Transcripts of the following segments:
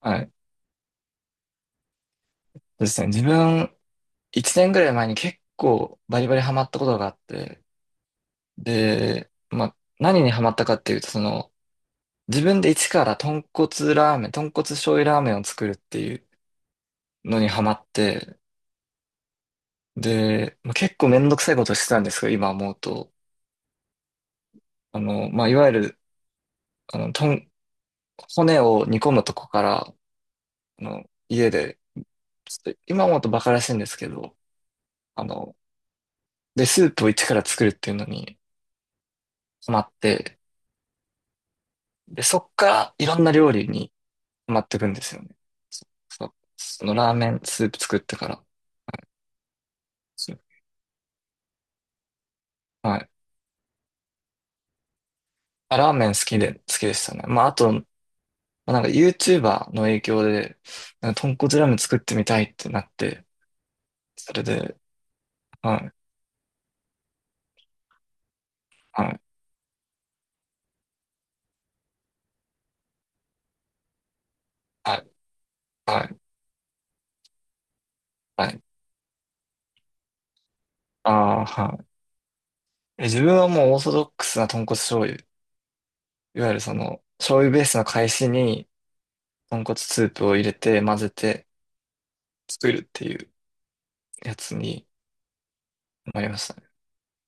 はい。そうですね。自分、1年ぐらい前に結構バリバリハマったことがあって、で、まあ、何にハマったかっていうと、自分で一から豚骨ラーメン、豚骨醤油ラーメンを作るっていうのにハマって、で、まあ、結構めんどくさいことしてたんですけど、今思うと。まあ、いわゆる、あの、とん、骨を煮込むとこから、家で、ちょっと今思うとバカらしいんですけど、あの、で、スープを一から作るっていうのにハマって、で、そっからいろんな料理にハマっていくんですよね。そのラーメンスープ作ってから。そう、はい。あ、ラーメン好きで、好きでしたね。まあ、あと、まあなんか YouTuber の影響で、なんか豚骨ラーメン作ってみたいってなって、それで、はい、はい、はい、はい、はい。ああ、はい。自分はもうオーソドックスな豚骨醤油。いわゆるその、醤油ベースの返しに豚骨スープを入れて混ぜて作るっていうやつになりましたね。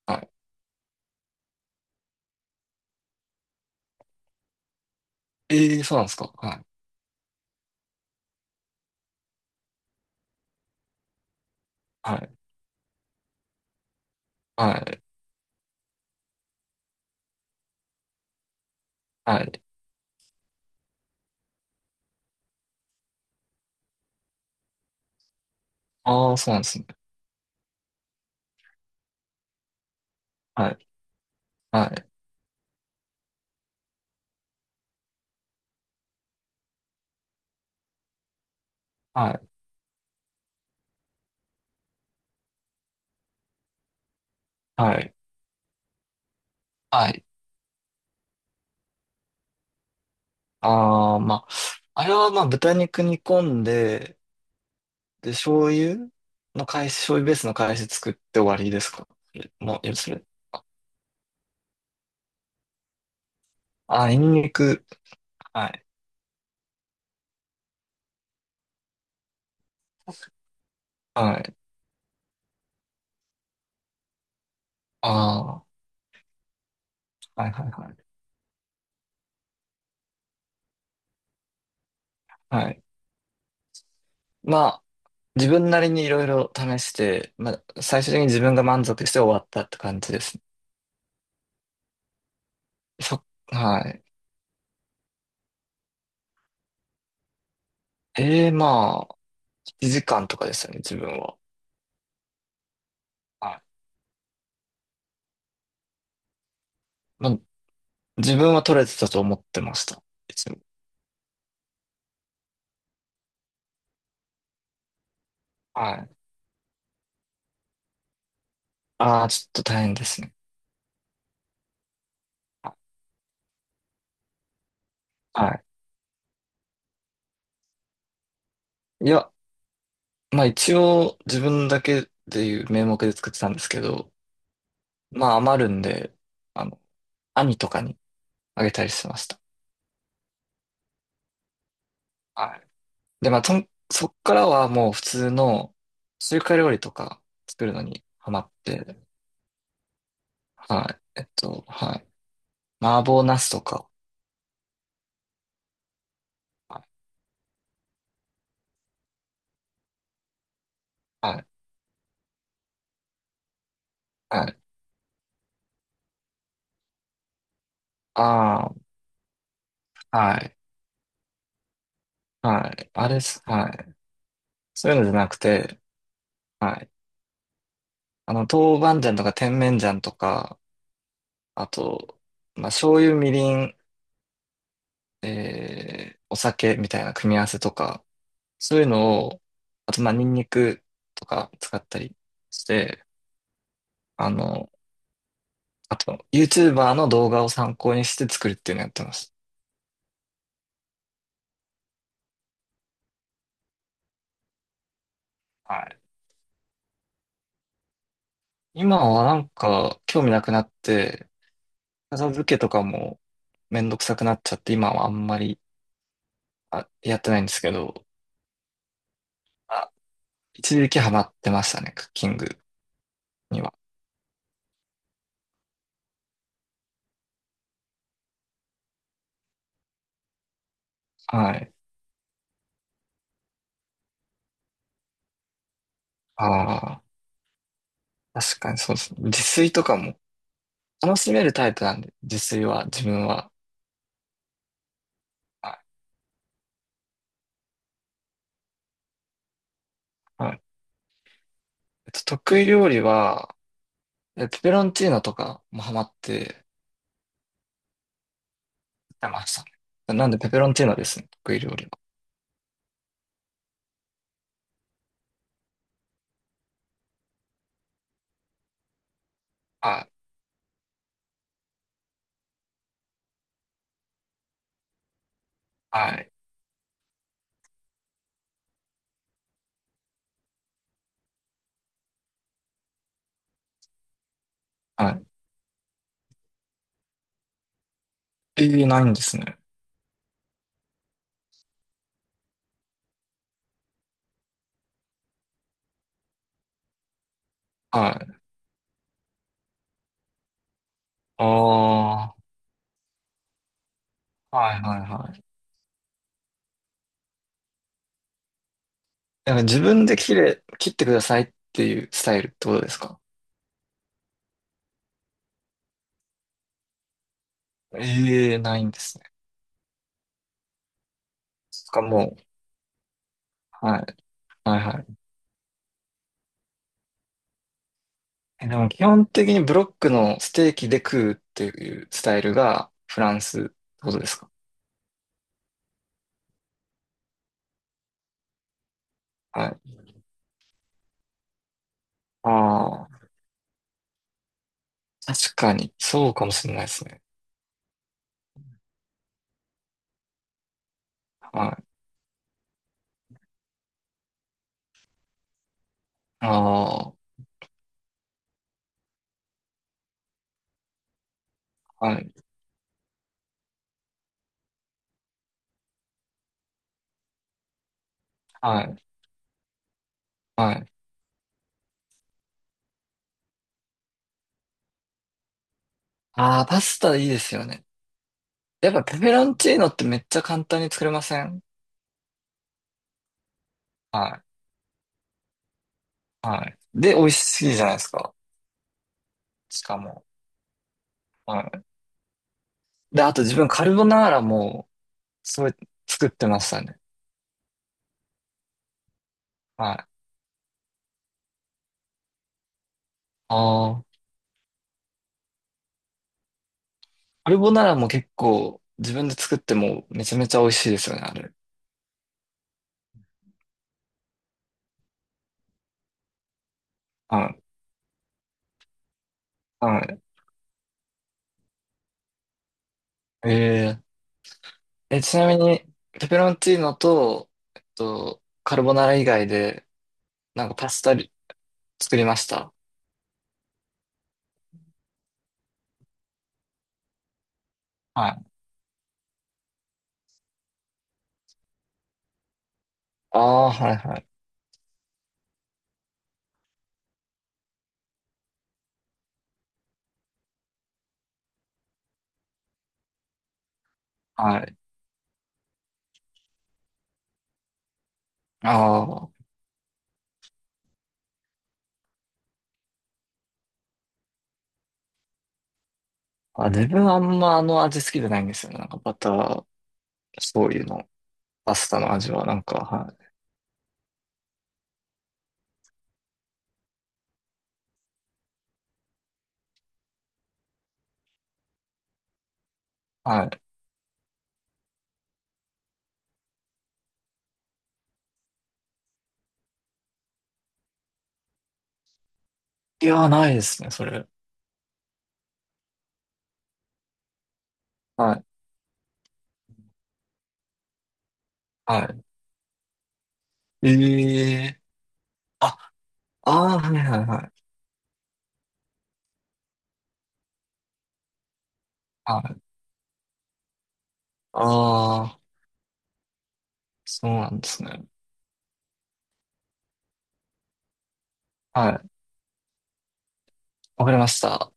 はい、ええ、そうなんですか。はい。はい。はい。はい。ああ、そうなんですね。はい。はい。はい。はい。はい。ああ、まあ、あれはまあ、豚肉煮込んで、で、醤油の返し、醤油ベースの返し作って終わりですか？それもう、よそれ。ああ、ニンニク。はい。はい。ああ、はいはいはい。はい。まあ、自分なりにいろいろ試して、まあ、最終的に自分が満足して終わったって感じですね。はい。ええ、まあ、1時間とかですよね、自分は。はい。まあ、自分は取れてたと思ってました。いつも。はい。ああ、ちょっと大変ですね。あ、はい。いや、まあ一応自分だけでいう名目で作ってたんですけど、まあ余るんで、あの、兄とかにあげたりしてました。はい。で、まあ、そっからはもう普通の中華料理とか作るのにハマって、はい。はい。麻婆茄子とか、はいはい。はい。ああ、はい。はい。あれっす。はい。そういうのじゃなくて、はい。豆板醤とか甜麺醤とか、あと、まあ、醤油、みりん、お酒みたいな組み合わせとか、そういうのを、あと、まあ、ニンニクとか使ったりして、あの、あと、YouTuber の動画を参考にして作るっていうのやってます。はい。今はなんか、興味なくなって、片付けとかもめんどくさくなっちゃって、今はあんまり、やってないんですけど、一時期ハマってましたね、クッキングには。はい。ああ、確かにそうですね。自炊とかも楽しめるタイプなんで、自炊は、自分は。はい。はい。得意料理は、ペペロンチーノとかもハマってやってましたね。なんでペペロンチーノですね、得意料理は。はい。はい。はい。えー、ないんですね。はい。ああ、はいはいはい。なんか自分で切ってくださいっていうスタイルってことですか？ええー、ないんですね。そっか、もう、はい。はいはい。でも基本的にブロックのステーキで食うっていうスタイルがフランスってことですか？はい。ああ、確かに、そうかもしれないですね。はい。ああ、はい、はい、はい。ああ、パスタいいですよね。やっぱペペロンチーノってめっちゃ簡単に作れません？はい、はい。で、美味しいじゃないですか。しかも。はい。で、あと自分カルボナーラも、それ作ってましたね。はい。ああ。カルボナーラも結構自分で作ってもめちゃめちゃ美味しいですよね、あれ。はい。はい。ちなみに、ペペロンチーノと、カルボナーラ以外で、なんかパスタり作りました。はい。ああ、はいはい。はい。ああ。あ、自分あんまあの味好きじゃないんですよね。なんかバター、醤油のパスタの味は、なんか、はい。はい。いやー、ないですね、それ。はい。はい。ええー。あ、ああ、はいはいはい。はい。ああ。そうなんですね。はい。わかりました。